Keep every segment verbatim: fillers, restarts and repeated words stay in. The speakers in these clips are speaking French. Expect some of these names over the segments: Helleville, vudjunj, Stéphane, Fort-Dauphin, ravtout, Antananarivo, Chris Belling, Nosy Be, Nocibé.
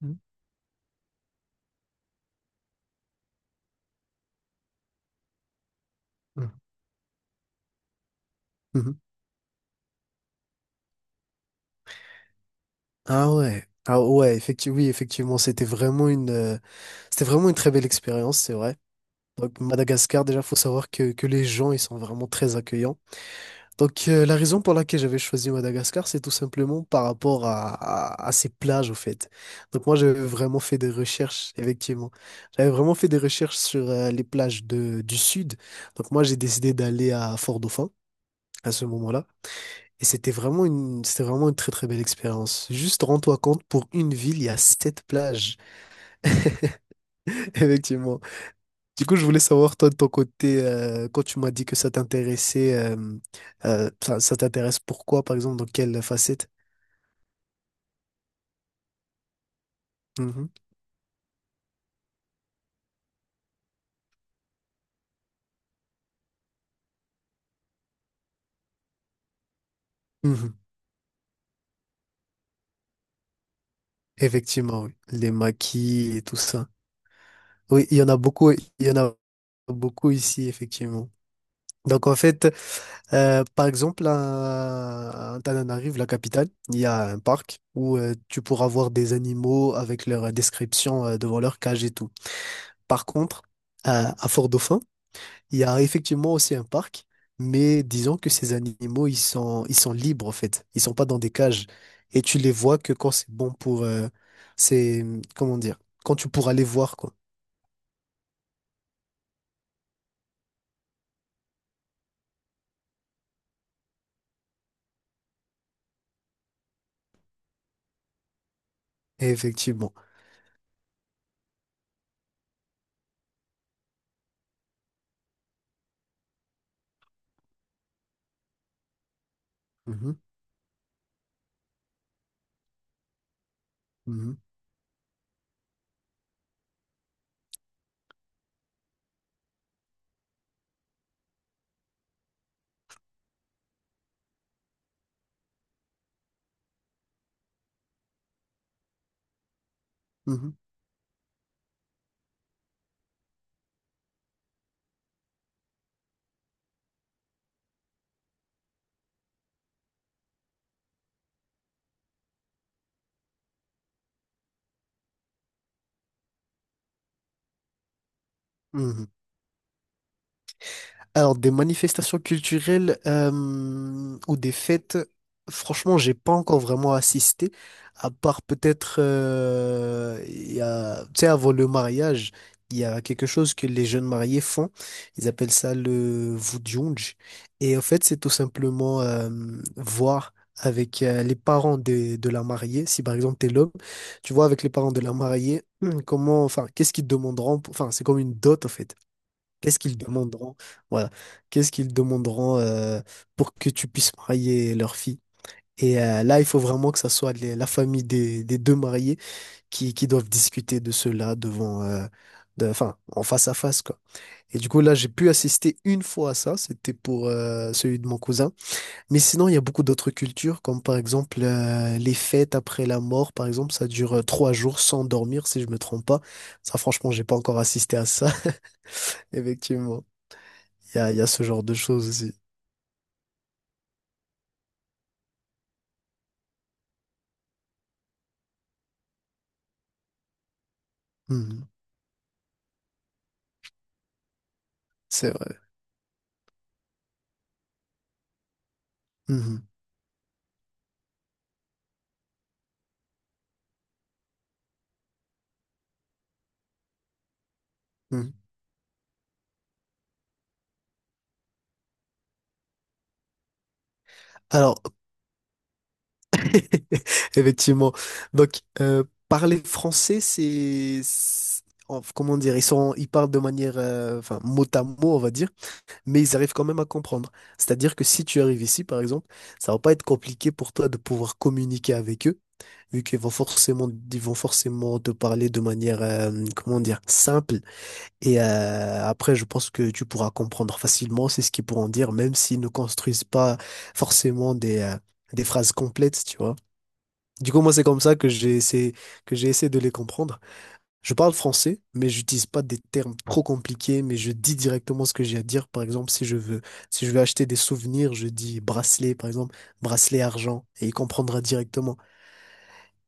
Mhm. Mhm. Mhm. Ah ouais. Ah ouais, effectivement, oui, effectivement, c'était vraiment une, euh, c'était vraiment une très belle expérience, c'est vrai. Donc Madagascar, déjà, faut savoir que, que les gens, ils sont vraiment très accueillants. Donc euh, la raison pour laquelle j'avais choisi Madagascar, c'est tout simplement par rapport à, à, à ces plages, au fait. Donc moi, j'avais vraiment fait des recherches, effectivement. J'avais vraiment fait des recherches sur euh, les plages de, du sud. Donc moi, j'ai décidé d'aller à Fort-Dauphin à ce moment-là. Et c'était vraiment une, c'était vraiment une très très belle expérience. Juste rends-toi compte, pour une ville, il y a sept plages. Effectivement. Du coup, je voulais savoir, toi, de ton côté, euh, quand tu m'as dit que ça t'intéressait, euh, euh, ça, ça t'intéresse pourquoi, par exemple, dans quelle facette? Mhm. Mhm. Effectivement, oui. Les maquis et tout ça. Oui, il y en a beaucoup, il y en a beaucoup ici, effectivement. Donc, en fait, Euh, par exemple, à à Antananarive, la capitale, il y a un parc où euh, tu pourras voir des animaux avec leur euh, description euh, devant leur cage et tout. Par contre, à à Fort-Dauphin, il y a effectivement aussi un parc, mais disons que ces animaux, ils sont, ils sont libres en fait. Ils sont pas dans des cages. Et tu les vois que quand c'est bon pour... euh, c'est, comment dire? Quand tu pourras les voir, quoi. Effectivement. Mhm, mhm, mhm, mhm. Alors, des manifestations culturelles euh, ou des fêtes, franchement, j'ai pas encore vraiment assisté, à part peut-être, euh, il y a, tu sais, avant le mariage, il y a quelque chose que les jeunes mariés font. Ils appellent ça le vudjunj. Et en fait, c'est tout simplement euh, voir avec euh, les parents de, de la mariée, si par exemple t'es l'homme, tu vois avec les parents de la mariée, hum, comment, enfin, qu'est-ce qu'ils demanderont, pour- enfin, c'est comme une dot en fait. Qu'est-ce qu'ils demanderont? Voilà. Qu'est-ce qu'ils demanderont euh, pour que tu puisses marier leur fille? Et euh, là, il faut vraiment que ça soit les- la famille des, des deux mariés qui, qui doivent discuter de cela devant, euh, de- enfin, en face à face, quoi. Et du coup, là, j'ai pu assister une fois à ça. C'était pour euh, celui de mon cousin. Mais sinon, il y a beaucoup d'autres cultures, comme par exemple euh, les fêtes après la mort, par exemple, ça dure euh, trois jours sans dormir, si je me trompe pas. Ça, franchement, j'ai pas encore assisté à ça, effectivement. Il y a, il y a ce genre de choses aussi. Mhm. C'est vrai. Mhm. Mhm. Alors, effectivement. Donc, euh, parler français, c'est, c'est- en- comment dire, ils sont, ils parlent de manière, euh, enfin, mot à mot, on va dire, mais ils arrivent quand même à comprendre. C'est-à-dire que si tu arrives ici, par exemple, ça va pas être compliqué pour toi de pouvoir communiquer avec eux, vu qu'ils vont forcément, ils vont forcément te parler de manière, euh, comment dire, simple. Et euh, après, je pense que tu pourras comprendre facilement, c'est ce qu'ils pourront dire, même s'ils ne construisent pas forcément des, euh, des phrases complètes, tu vois. Du coup, moi, c'est comme ça que j'ai essayé, que j'ai essayé de les comprendre. Je parle français, mais j'utilise pas des termes trop compliqués, mais je dis directement ce que j'ai à dire. Par exemple, si je veux, si je veux acheter des souvenirs, je dis bracelet, par exemple, bracelet argent, et il comprendra directement.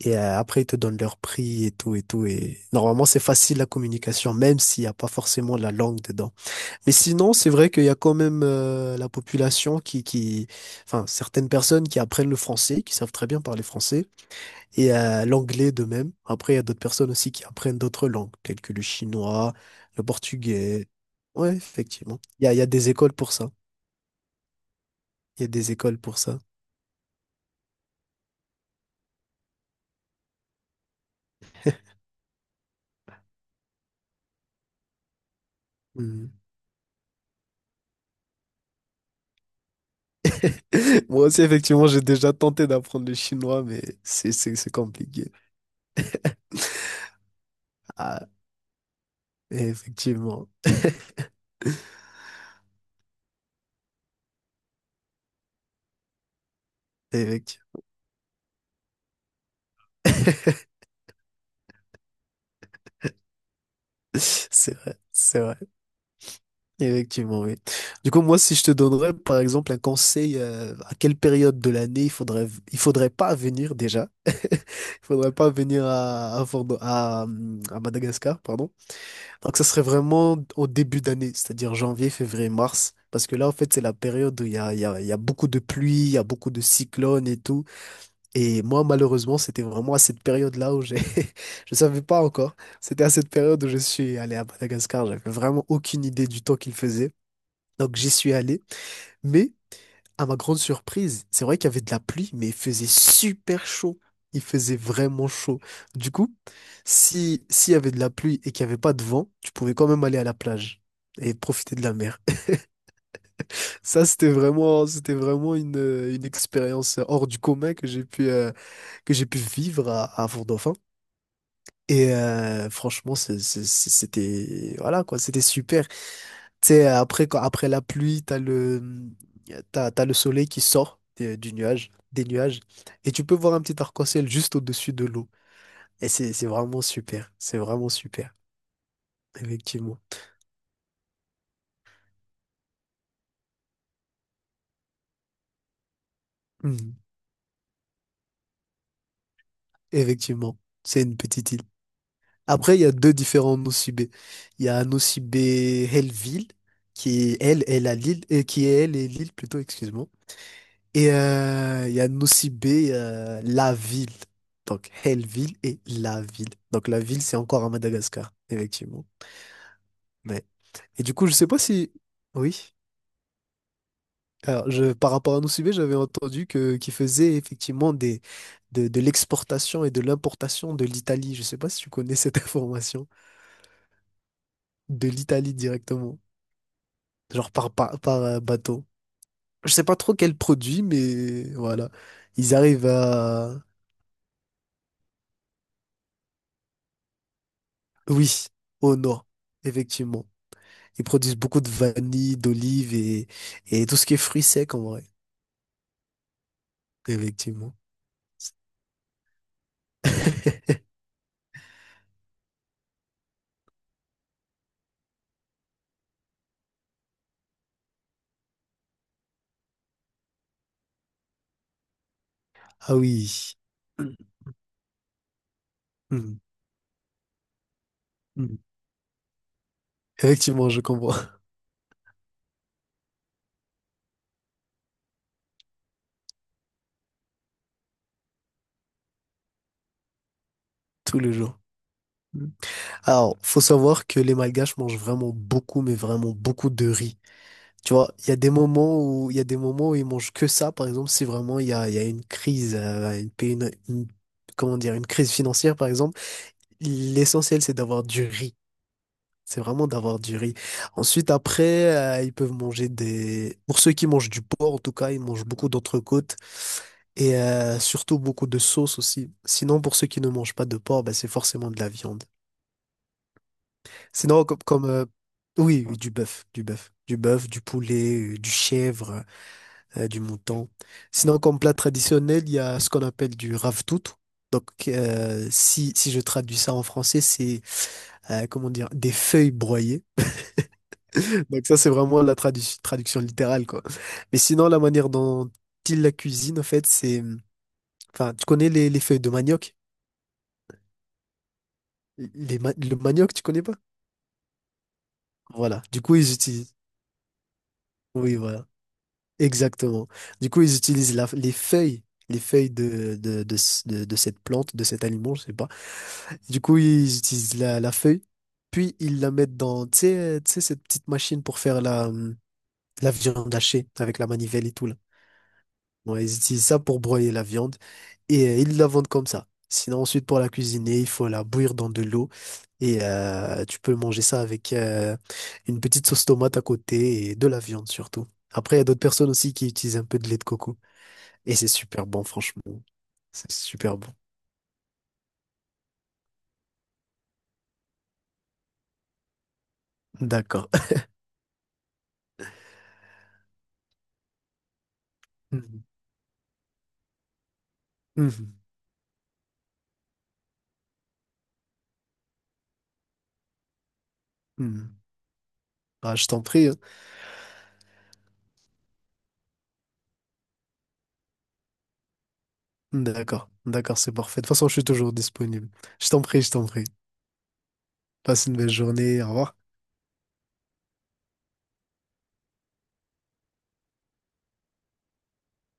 Et euh, après, ils te donnent leur prix et tout et tout. Et normalement, c'est facile la communication, même s'il n'y a pas forcément la langue dedans. Mais sinon, c'est vrai qu'il y a quand même euh, la population qui, qui, enfin, certaines personnes qui apprennent le français, qui savent très bien parler français, et euh, l'anglais de même. Après, il y a d'autres personnes aussi qui apprennent d'autres langues, telles que le chinois, le portugais. Ouais, effectivement. Il y a, il y a des écoles pour ça. Il y a des écoles pour ça. Mhm. Moi aussi, effectivement, j'ai déjà tenté d'apprendre le chinois, mais c'est, c'est, c'est compliqué. Ah, effectivement. Effectivement. C'est vrai. C'est vrai. Effectivement, oui. Du coup, moi, si je te donnerais, par exemple, un conseil, euh, à quelle période de l'année il faudrait, il faudrait pas venir déjà. Il faudrait pas venir à, à, Fordo- à, hum, à Madagascar, pardon. Donc, ça serait vraiment au début d'année, c'est-à-dire janvier, février, mars. Parce que là, en fait, c'est la période où il y a, il y a, il y a beaucoup de pluie, il y a beaucoup de cyclones et tout. Et moi, malheureusement, c'était vraiment à cette période-là où j'ai, je savais pas encore. C'était à cette période où je suis allé à Madagascar. J'avais vraiment aucune idée du temps qu'il faisait. Donc j'y suis allé, mais à ma grande surprise, c'est vrai qu'il y avait de la pluie, mais il faisait super chaud. Il faisait vraiment chaud. Du coup, si s'il y avait de la pluie et qu'il n'y avait pas de vent, tu pouvais quand même aller à la plage et profiter de la mer. Ça, c'était vraiment, c'était vraiment une, euh, une expérience hors du commun que j'ai pu, euh, que j'ai pu vivre à, à Fort-Dauphin. Et euh, franchement, c'est- c'est- c'est- c'était, voilà quoi, c'était super. Tu sais, après, quand, après la pluie, t'as le, t'as, t'as le soleil qui sort des- du nuage, des nuages, et tu peux voir un petit arc-en-ciel juste au-dessus de l'eau. Et c'est, c'est vraiment super. C'est vraiment super. Effectivement. Mhm. Effectivement. C'est une petite île. Après, il y a deux différents Nosy. Il y a Nosy Be Helleville, qui est elle, elle à Lille, et qui est elle et Lille plutôt, excuse-moi. Et euh, il y a Nocibé, euh, la ville. Donc, Hellville et la ville. Donc, la ville, c'est encore à Madagascar, effectivement. Ouais. Et du coup, je sais pas si... Oui. Alors, je, par rapport à Nocibé, j'avais entendu que qu'il faisait effectivement des, de, de l'exportation et de l'importation de l'Italie. Je sais pas si tu connais cette information. De l'Italie directement. Genre par, par, par euh, bateau. Je sais pas trop quel produit, mais voilà. Ils arrivent à... Oui, au nord, effectivement. Ils produisent beaucoup de vanille, d'olive et, et tout ce qui est fruits secs en vrai. Effectivement. Ah oui. Hmm, hmm. Effectivement, je comprends. Tous les jours. Hmm. Alors, faut savoir que les Malgaches mangent vraiment beaucoup, mais vraiment beaucoup de riz. Tu vois, il y a des moments où il y a des moments où ils mangent que ça. Par exemple, si vraiment il y a, il y a une crise, euh, une, une- une- comment dire, une crise financière, par exemple, l'essentiel c'est d'avoir du riz. C'est vraiment d'avoir du riz. Ensuite, après, euh, ils peuvent manger des... Pour ceux qui mangent du porc, en tout cas, ils mangent beaucoup d'entrecôtes et euh, surtout beaucoup de sauce aussi. Sinon, pour ceux qui ne mangent pas de porc, bah, c'est forcément de la viande. Sinon, comme... comme euh, oui, oui, du bœuf, du bœuf. Du bœuf, du poulet, euh, du chèvre, euh, du mouton. Sinon, comme plat traditionnel, il y a ce qu'on appelle du ravtout. Donc, euh, si, si je traduis ça en français, c'est, euh, comment dire, des feuilles broyées. Donc ça, c'est vraiment la tradu- traduction littérale, quoi. Mais sinon, la manière dont il la cuisine, en fait, c'est... Enfin, tu connais les, les feuilles de manioc? Les ma- le manioc, tu connais pas? Voilà. Du coup, ils utilisent... Oui, voilà. Exactement. Du coup, ils utilisent la- les feuilles, les feuilles de, de, de, ce- de- de cette plante, de cet aliment, je sais pas. Du coup, ils utilisent la, la feuille, puis ils la mettent dans, tu sais, euh, tu sais, cette petite machine pour faire la, hum, la viande hachée avec la manivelle et tout, là. Ouais, ils utilisent ça pour broyer la viande et euh, ils la vendent comme ça. Sinon, ensuite, pour la cuisiner, il faut la bouillir dans de l'eau et euh, tu peux manger ça avec euh, une petite sauce tomate à côté et de la viande surtout. Après, il y a d'autres personnes aussi qui utilisent un peu de lait de coco et c'est super bon, franchement. C'est super bon. D'accord. Mhm. Mhm. Mhm. Ah, je t'en prie. Hein. D'accord. D'accord, c'est parfait. De toute façon, je suis toujours disponible. Je t'en prie, je t'en prie. Passe une belle journée. Au revoir.